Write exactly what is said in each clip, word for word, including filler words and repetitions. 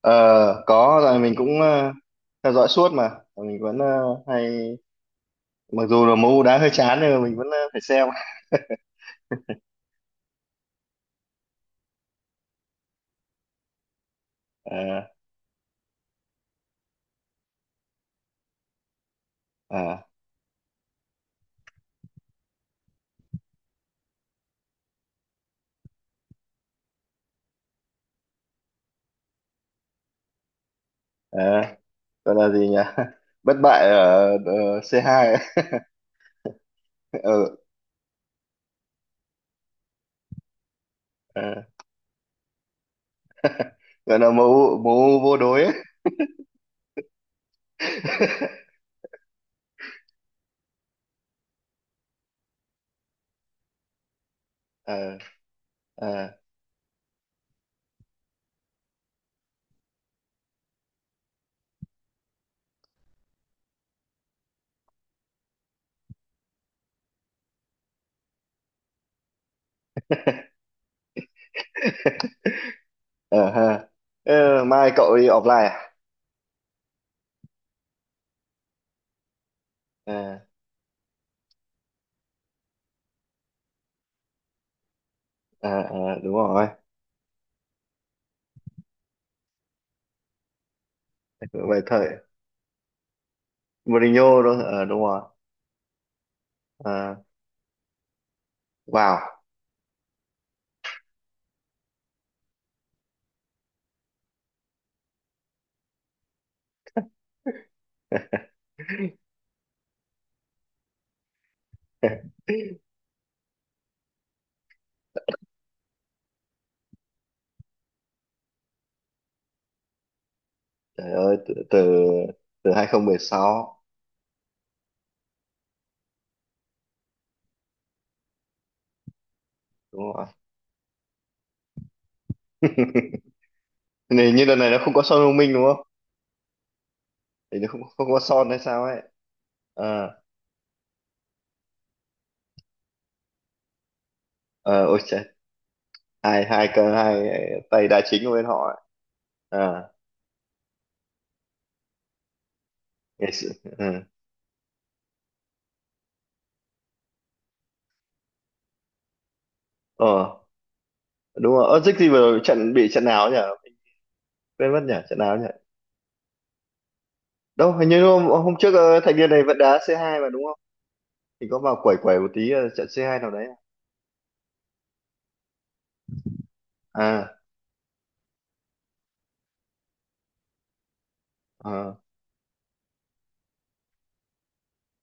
Ờ, có rồi mình cũng ờ, theo dõi suốt, mà mình vẫn ờ, hay, mặc dù là môn đá hơi chán nhưng mà mình vẫn ờ, phải xem. Ờ, à, à, Gọi là gì nhỉ? Bất bại ở ờ, xê hai ấy. ừ, ờ, Gọi là mẫu mẫu vô đối ấy. Ờ, ờ, Ờ, ha. Ờ, mai cậu đi offline à? à ờ, ờ, Đúng rồi, vậy thời Mourinho đó, ờ, đúng rồi. Ờ, vào. Trời ơi, từ từ từ hai không một sáu, đúng rồi. Này như đợt này nó không có Son thông minh đúng không? Thì nó không, không có Son hay sao ấy. À, ờ, ôi trời, hai hai cơ, hai tay đá chính của bên họ ấy. À, ngày xưa, ừ. Ờ, đúng rồi. Ơ, Dích gì vừa rồi trận bị trận nào ấy nhỉ? Mình quên mất nhỉ, trận nào ấy nhỉ? Đâu, hình như hôm, hôm trước ờ, thành viên này vẫn đá xê hai mà đúng không? Thì có vào quẩy quẩy một tí, ờ, trận xê hai nào đấy. À,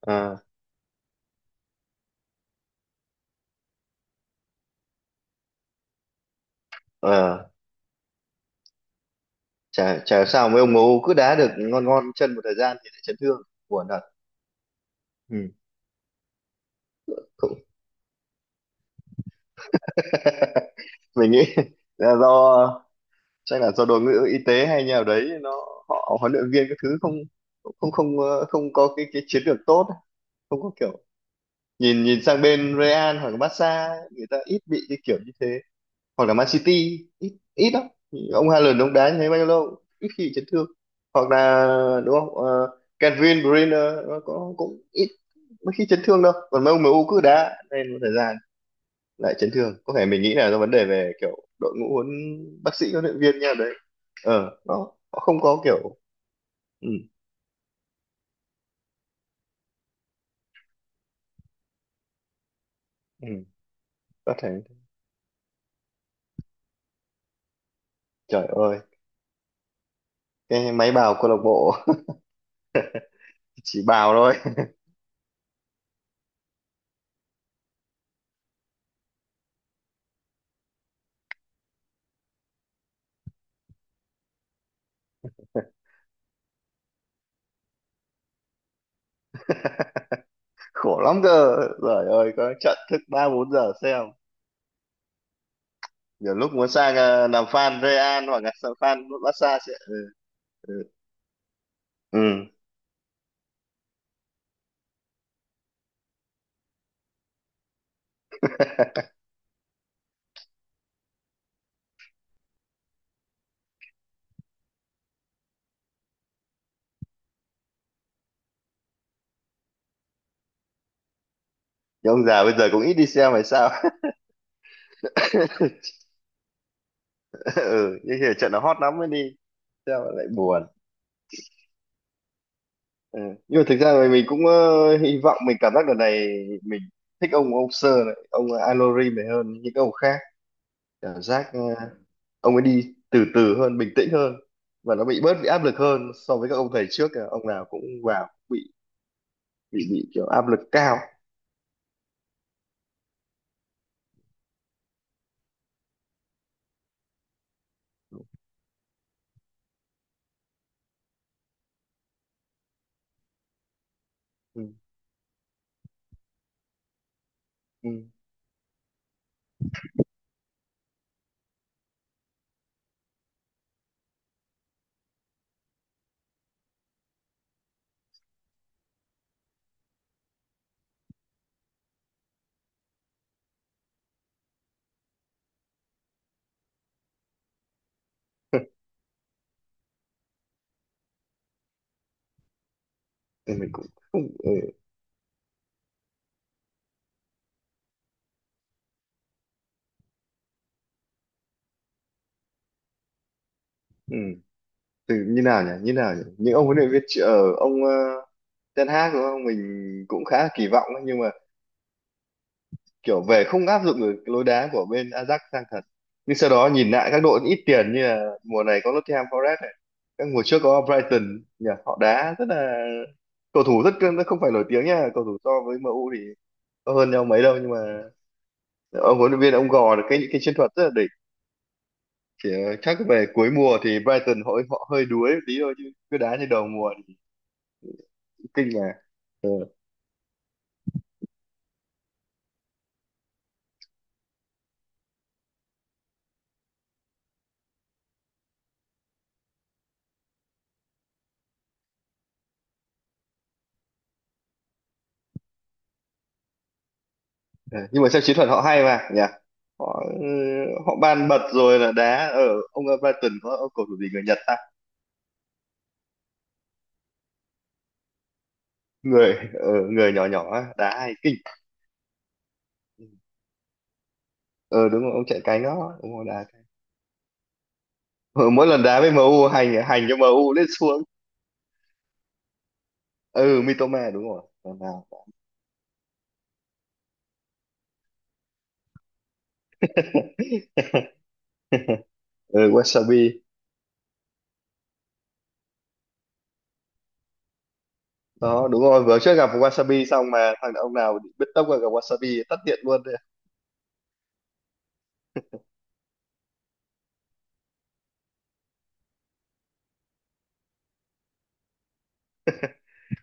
à, à, chả chả sao mấy ông ngố cứ đá được ngon ngon chân một thời gian thì lại chấn thương. Buồn thật. Ừ. Cũng, mình nghĩ là do chắc là do đội ngũ y tế hay nhà đấy nó, họ, huấn luyện viên các thứ, không không không ờ, không có cái cái chiến lược tốt, không có kiểu nhìn nhìn sang bên Real hoặc Barca ấy. Người ta ít bị cái kiểu như thế, hoặc là Man City, ít ít lắm. Ông Haaland ông đá như thế bao nhiêu lâu ít khi bị chấn thương. Hoặc là, đúng không? uh, Kevin De Bruyne nó có cũng ít, mấy khi chấn thương đâu. Còn mấy ông em U cứ đá nên một thời gian lại chấn thương. Có thể mình nghĩ là do vấn đề về kiểu đội ngũ huấn bác sĩ huấn luyện viên nha đấy, ờ nó họ không có kiểu. ừ, ừ, có thể. Trời ơi, cái máy bào câu lạc bộ. Chỉ bào thôi. Khổ lắm cơ, trời ơi, có trận thức ba bốn giờ xem, nhiều lúc muốn sang ờ, làm fan Real hoặc là sang fan Barca sẽ. Ừ, ừ. Ừ. Nhưng ông già bây giờ cũng ít đi xem hay sao? Ừ, nhưng khi trận nó hot lắm mới đi xem mà lại buồn. Ừ. Nhưng mà thực ra là mình cũng ờ, hy vọng, mình cảm giác lần này mình thích ông ông Sir này, ông Alori này hơn những ông khác. Cảm giác ờ, ông ấy đi từ từ hơn, bình tĩnh hơn, và nó bị bớt bị áp lực hơn so với các ông thầy trước. ờ, ông nào cũng vào cũng bị bị bị kiểu áp lực cao. Ừ. Ừ. Ừ. Mình cũng không. Ừ. Ừ. Từ như nào nhỉ như nào nhỉ những ông huấn luyện viên tr- ở ông ờ, Ten Hag đúng không, mình cũng khá là kỳ vọng ấy, nhưng mà kiểu về không áp dụng được lối đá của bên Ajax sang thật. Nhưng sau đó nhìn lại các đội ít tiền như là mùa này có Nottingham Forest này, các mùa trước có Brighton nhỉ, họ đá rất là, cầu thủ rất, không phải nổi tiếng nha, cầu thủ so với em u thì có hơn nhau mấy đâu, nhưng mà ông huấn luyện viên ông gò được cái những cái chiến thuật rất là đỉnh. Chỉ ờ, chắc về cuối mùa thì Brighton họ họ hơi đuối một tí thôi, chứ cứ đá như đầu mùa thì cũng kinh mà. Ờ. Ừ, nhưng mà xem chiến thuật họ hay mà nhỉ. Họ, ừ, họ ban bật rồi là đá ở. Ông Everton có ông cầu thủ gì người Nhật ta, người ờ, người nhỏ nhỏ á, đá hay kinh. Ờ, đúng rồi, ông chạy cánh đó đúng rồi, đá cánh. ờ, Mỗi lần đá với em u hành hành cho em u lên xuống. Ừ, Mitoma đúng rồi, lần nào. Ừ, Wasabi đó, đúng rồi, vừa trước gặp Wasabi xong mà thằng ông nào biết tốc là gặp Wasabi tắt điện luôn đấy.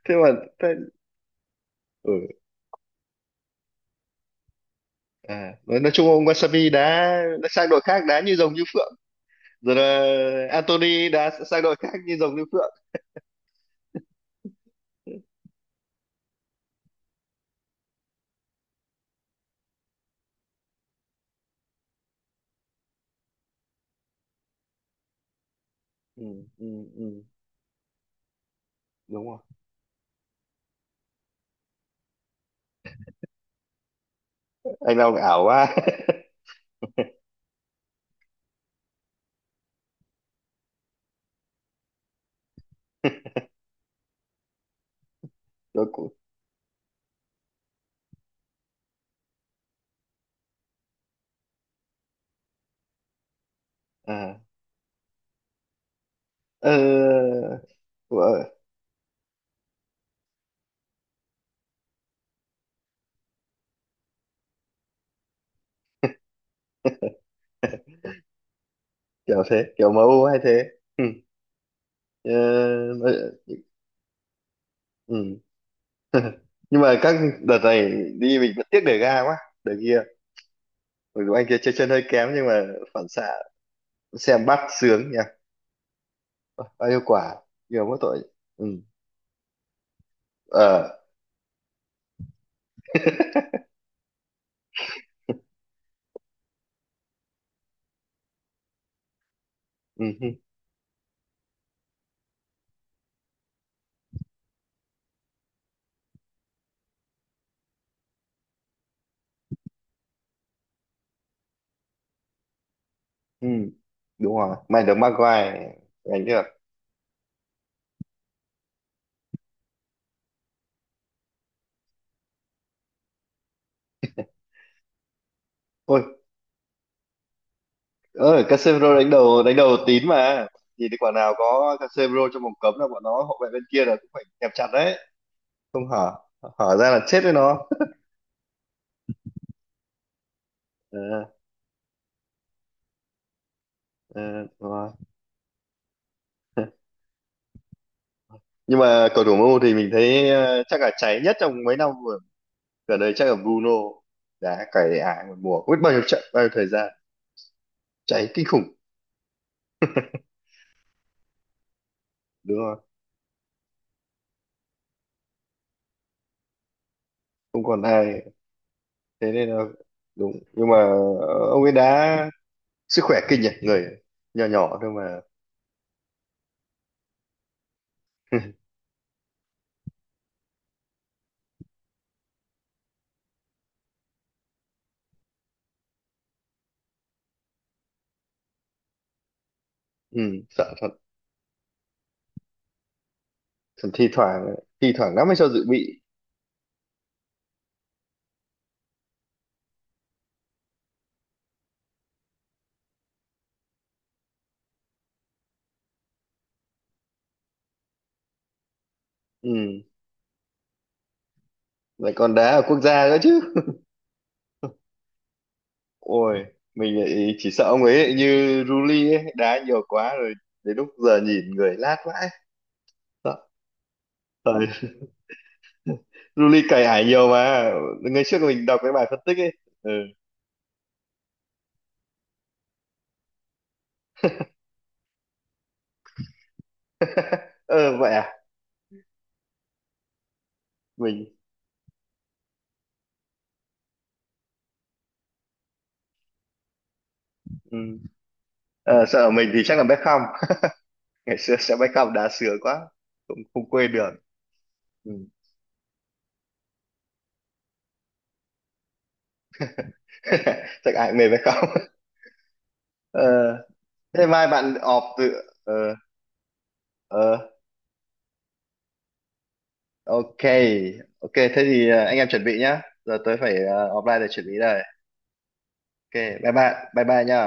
Thế mà. Thế, ừ. À nói, nói chung ông Wasabi đá, đã sang đội khác đá như rồng như phượng. Rồi là Anthony đã sang đội khác như rồng như phượng. Ừ, ừ, ừ. Đúng rồi. Anh Long ảo quá. Tôi cũng. à ờ, ờ, Kiểu thế, kiểu em u hay thế. Ừ. Ờ, ừ. Nhưng mà các đợt này đi mình vẫn tiếc để ga quá, để kia. Mặc dù anh kia chơi chân hơi kém nhưng mà phản xạ xem bắt sướng nha. Bao nhiêu quả, nhiều quá tội. Ừ. Ờ. Ừ. Ừ. Ừ. Đúng rồi, mày được Maguire đánh được. Ôi, ơi Casemiro đánh đầu, đánh đầu tín mà, nhìn thấy quả nào có Casemiro trong vòng cấm là bọn nó, hậu vệ bên kia là cũng phải kẹp chặt đấy. Không hở, hở ra là chết với nó. Ờ, ờ, đúng rồi. Nhưng mà cầu thủ em u thì mình thấy ờ, chắc là cháy nhất trong mấy năm vừa gần đây chắc là Bruno, đã cày ải một mùa không biết bao nhiêu trận, bao nhiêu thời gian, cháy kinh khủng. Đúng rồi, không còn ai. Thế nên là đúng. Nhưng mà ờ, ông ấy đã, sức khỏe kinh nhỉ, người nhỏ nhỏ thôi mà. Ừ, sợ thật. Còn thi thoảng, thi thoảng nó mới cho dự bị. Ừ, lại còn đá ở quốc gia nữa chứ. Ôi, mình lại chỉ sợ ông ấy lại như Ruli ấy, đá nhiều quá rồi đến lúc giờ nhìn người lát vãi. Sợ. Rồi, Ruli cày ải nhiều mà, ngày trước mình đọc cái bài phân tích ấy. Ừ. ờ Vậy à? Mình. Ừ. Ờ, sợ mình thì chắc là Beckham. Ngày xưa sẽ Beckham đá sướng quá, không không quên được. Ừ. Chắc ai cũng mê Beckham. ờ Thế mai bạn off từ. ờ ờ Ok, ok, thế thì, à, anh em chuẩn bị nhá. Giờ tôi phải, à, offline để chuẩn bị đây. Ok, bye bye, bye bye nhá.